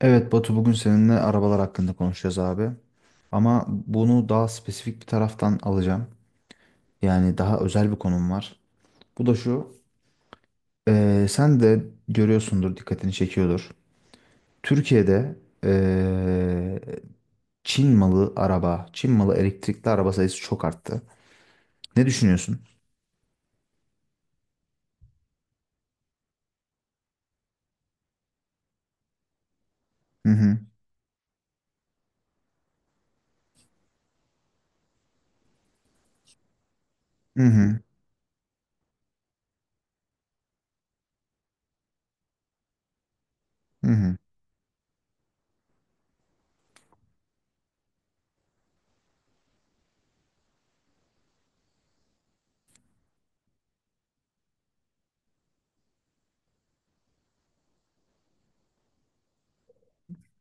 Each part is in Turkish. Evet Batu bugün seninle arabalar hakkında konuşacağız abi. Ama bunu daha spesifik bir taraftan alacağım. Yani daha özel bir konum var. Bu da şu. Sen de görüyorsundur, dikkatini çekiyordur. Türkiye'de eee, Çin malı araba, Çin malı elektrikli araba sayısı çok arttı. Ne düşünüyorsun? Hı hı. Hı hı. Hı hı.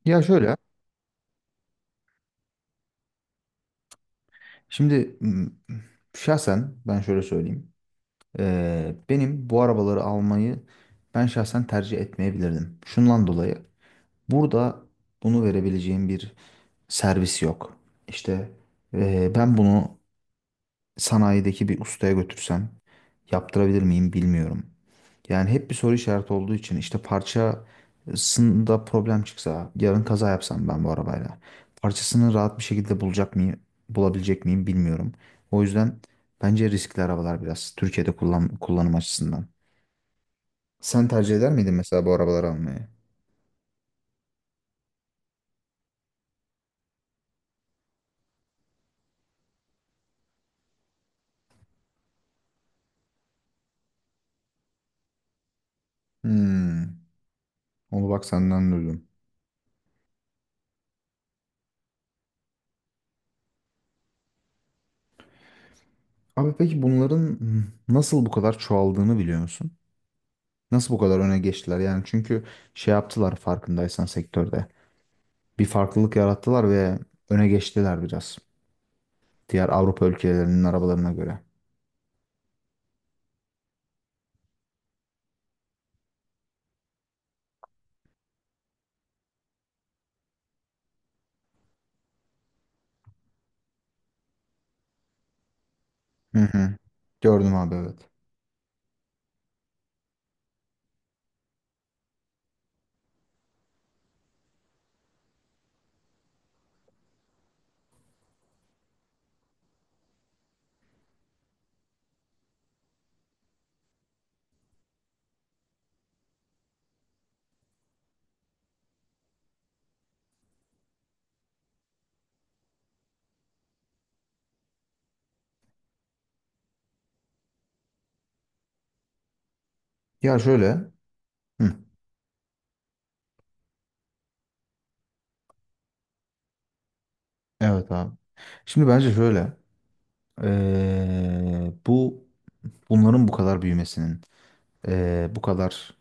Ya şöyle. Şimdi şahsen ben şöyle söyleyeyim. Benim bu arabaları almayı ben şahsen tercih etmeyebilirdim. Şundan dolayı burada bunu verebileceğim bir servis yok. İşte ben bunu sanayideki bir ustaya götürsem yaptırabilir miyim bilmiyorum. Yani hep bir soru işareti olduğu için işte parçasında problem çıksa yarın kaza yapsam ben bu arabayla parçasını rahat bir şekilde bulacak mıyım, bulabilecek miyim bilmiyorum. O yüzden bence riskli arabalar biraz Türkiye'de kullanım açısından. Sen tercih eder miydin mesela bu arabaları almayı? Hmm, onu bak senden duydum. Abi peki bunların nasıl bu kadar çoğaldığını biliyor musun? Nasıl bu kadar öne geçtiler? Yani çünkü şey yaptılar farkındaysan sektörde. Bir farklılık yarattılar ve öne geçtiler biraz. Diğer Avrupa ülkelerinin arabalarına göre. Hı hı. Gördüm abi, evet. Ya şöyle. Hı. Evet abi. Şimdi bence şöyle. Bu bunların bu kadar büyümesinin, bu kadar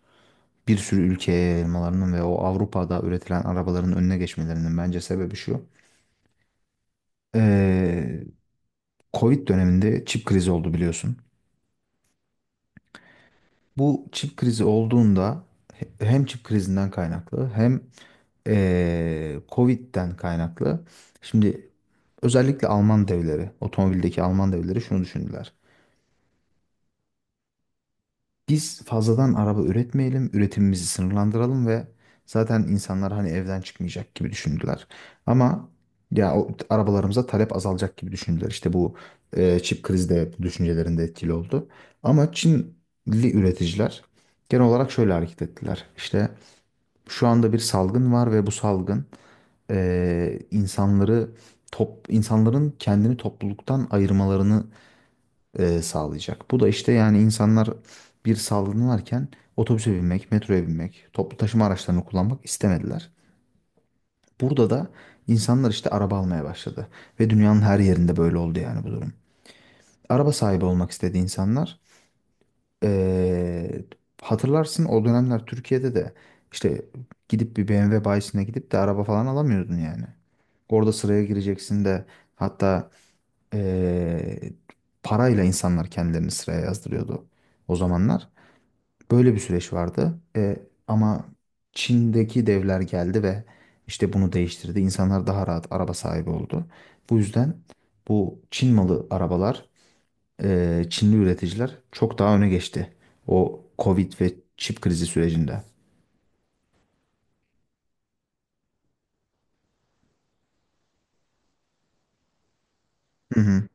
bir sürü ülkeye yayılmalarının ve o Avrupa'da üretilen arabaların önüne geçmelerinin bence sebebi şu. Ee, Covid döneminde çip krizi oldu biliyorsun. Bu çip krizi olduğunda hem çip krizinden kaynaklı hem Covid'den kaynaklı. Şimdi özellikle Alman devleri, otomobildeki Alman devleri şunu düşündüler. Biz fazladan araba üretmeyelim, üretimimizi sınırlandıralım ve zaten insanlar hani evden çıkmayacak gibi düşündüler. Ama ya o arabalarımıza talep azalacak gibi düşündüler. İşte bu çip krizi de bu düşüncelerinde etkili oldu. Ama Çinli üreticiler genel olarak şöyle hareket ettiler. İşte şu anda bir salgın var ve bu salgın insanları insanların kendini topluluktan ayırmalarını sağlayacak. Bu da işte yani insanlar bir salgınlarken otobüse binmek, metroya binmek, toplu taşıma araçlarını kullanmak istemediler. Burada da insanlar işte araba almaya başladı. Ve dünyanın her yerinde böyle oldu yani bu durum. Araba sahibi olmak istedi insanlar. Ee, hatırlarsın o dönemler Türkiye'de de işte gidip bir BMW bayisine gidip de araba falan alamıyordun yani. Orada sıraya gireceksin de hatta ee, parayla insanlar kendilerini sıraya yazdırıyordu o zamanlar. Böyle bir süreç vardı. Ama Çin'deki devler geldi ve işte bunu değiştirdi. İnsanlar daha rahat araba sahibi oldu. Bu yüzden bu Çin malı arabalar, Çinli üreticiler çok daha öne geçti. O Covid ve çip krizi sürecinde. Hı hı.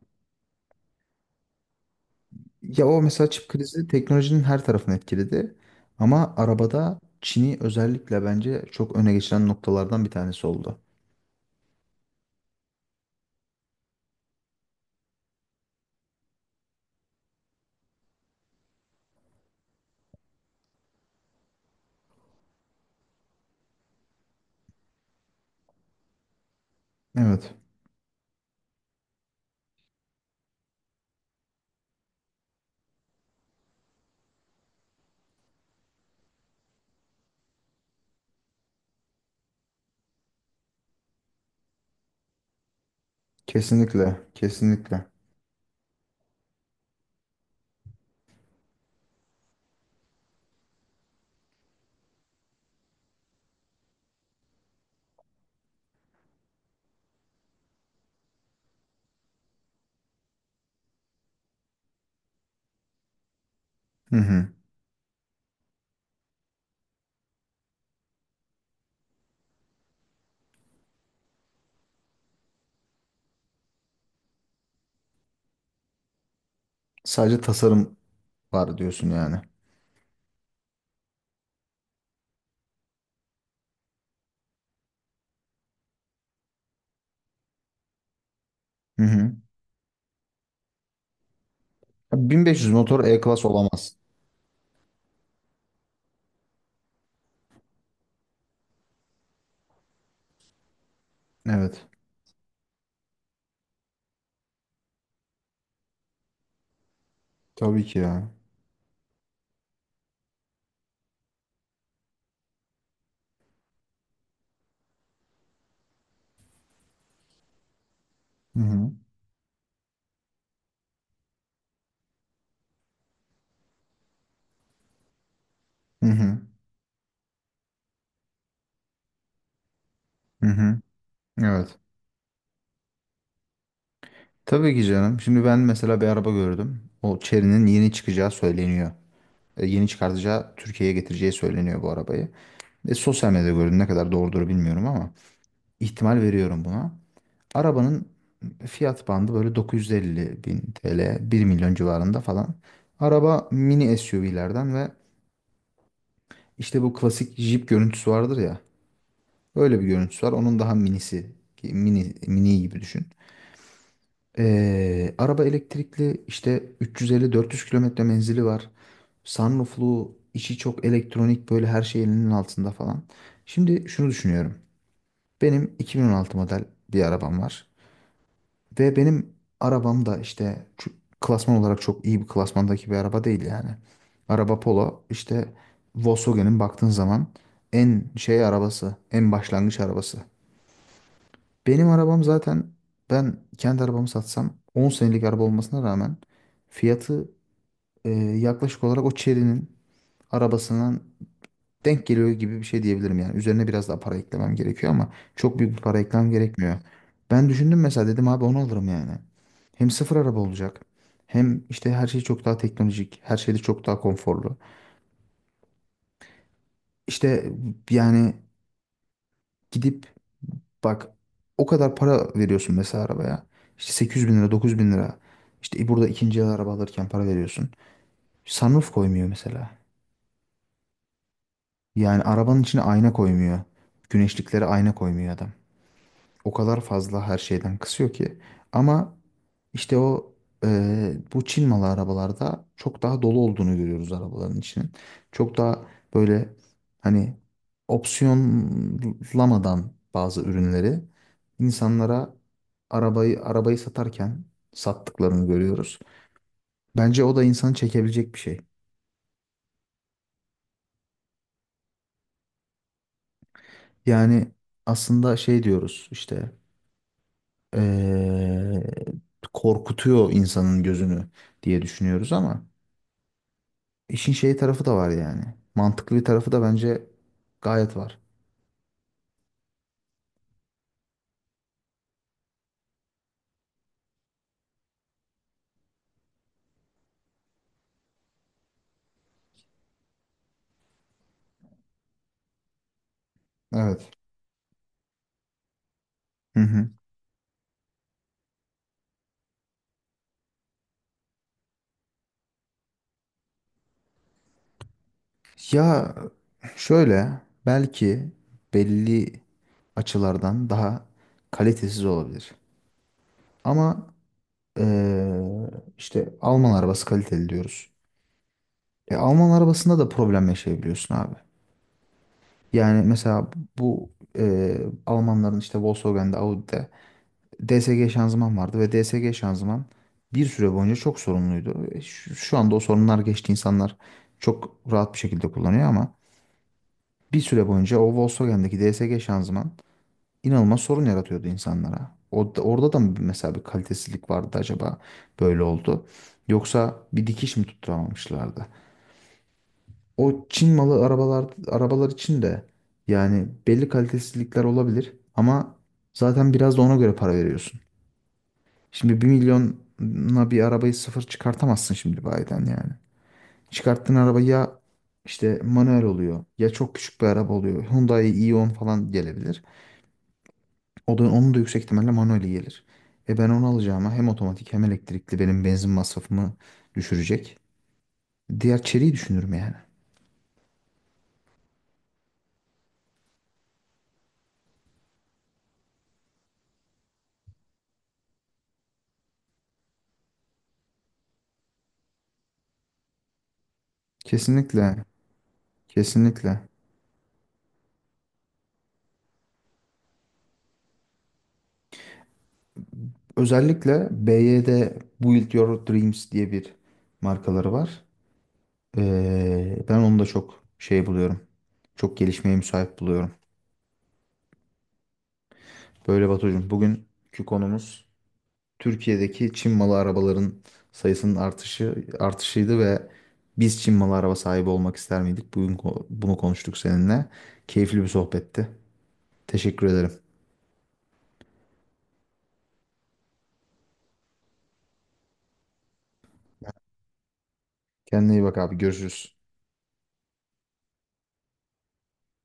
Ya o mesela çip krizi teknolojinin her tarafını etkiledi. Ama arabada Çin'i özellikle bence çok öne geçiren noktalardan bir tanesi oldu. Evet, kesinlikle, kesinlikle. Hı hı. Sadece tasarım var diyorsun yani. Hı hı. Ya 1500 motor E-Class olamaz. Evet. Tabii ki ya. Hı hı. Hı hı. Hı hı. Evet. Tabii ki canım. Şimdi ben mesela bir araba gördüm. O Chery'nin yeni çıkacağı söyleniyor. Yeni çıkartacağı Türkiye'ye getireceği söyleniyor bu arabayı. Sosyal medyada gördüm. Ne kadar doğrudur bilmiyorum ama ihtimal veriyorum buna. Arabanın fiyat bandı böyle 950 bin TL, 1 milyon civarında falan. Araba mini SUV'lerden ve işte bu klasik Jeep görüntüsü vardır ya. Öyle bir görüntüsü var. Onun daha minisi, mini, mini gibi düşün. Araba elektrikli işte 350-400 kilometre menzili var. Sunrooflu, içi çok elektronik böyle her şey elinin altında falan. Şimdi şunu düşünüyorum. Benim 2016 model bir arabam var. Ve benim arabam da işte şu klasman olarak çok iyi bir klasmandaki bir araba değil yani. Araba Polo işte Volkswagen'in baktığın zaman en şey arabası, en başlangıç arabası. Benim arabam zaten ben kendi arabamı satsam 10 senelik araba olmasına rağmen fiyatı yaklaşık olarak o Chery'nin arabasından denk geliyor gibi bir şey diyebilirim yani. Üzerine biraz daha para eklemem gerekiyor ama çok büyük bir para eklemem gerekmiyor. Ben düşündüm mesela dedim abi onu alırım yani. Hem sıfır araba olacak. Hem işte her şey çok daha teknolojik. Her şey de çok daha konforlu. İşte yani gidip bak, o kadar para veriyorsun mesela arabaya. İşte 800 bin lira, 900 bin lira. İşte burada ikinci el araba alırken para veriyorsun. Sunroof koymuyor mesela. Yani arabanın içine ayna koymuyor. Güneşliklere ayna koymuyor adam. O kadar fazla her şeyden kısıyor ki. Ama işte o bu Çin malı arabalarda çok daha dolu olduğunu görüyoruz arabaların içinin. Çok daha böyle hani opsiyonlamadan bazı ürünleri insanlara arabayı satarken sattıklarını görüyoruz. Bence o da insanı çekebilecek bir şey. Yani aslında şey diyoruz işte eee, korkutuyor insanın gözünü diye düşünüyoruz ama İşin şey tarafı da var yani. Mantıklı bir tarafı da bence gayet var. Evet. Hı hı. Ya şöyle belki belli açılardan daha kalitesiz olabilir. Ama eee, işte Alman arabası kaliteli diyoruz. Alman arabasında da problem yaşayabiliyorsun abi. Yani mesela bu Almanların işte Volkswagen'de, Audi'de DSG şanzıman vardı ve DSG şanzıman bir süre boyunca çok sorunluydu. Şu anda o sorunlar geçti. İnsanlar çok rahat bir şekilde kullanıyor ama bir süre boyunca o Volkswagen'deki DSG şanzıman inanılmaz sorun yaratıyordu insanlara. Orada da mı mesela bir kalitesizlik vardı acaba böyle oldu? Yoksa bir dikiş mi tutturamamışlardı? O Çin malı arabalar için de yani belli kalitesizlikler olabilir ama zaten biraz da ona göre para veriyorsun. Şimdi 1 milyona bir arabayı sıfır çıkartamazsın şimdi bayiden yani. Çıkarttığın araba ya işte manuel oluyor ya çok küçük bir araba oluyor. Hyundai i10 falan gelebilir. O da, onun da yüksek ihtimalle manueli gelir. Ben onu alacağıma hem otomatik hem elektrikli benim benzin masrafımı düşürecek. Diğer çeliği düşünürüm yani. Kesinlikle. Kesinlikle. Özellikle BYD Build Your Dreams diye bir markaları var. Ben onu da çok şey buluyorum. Çok gelişmeye müsait buluyorum. Böyle Batucuğum, bugünkü konumuz Türkiye'deki Çin malı arabaların sayısının artışıydı ve biz Çin malı araba sahibi olmak ister miydik? Bugün bunu konuştuk seninle. Keyifli bir sohbetti. Teşekkür ederim. Kendine iyi bak abi. Görüşürüz.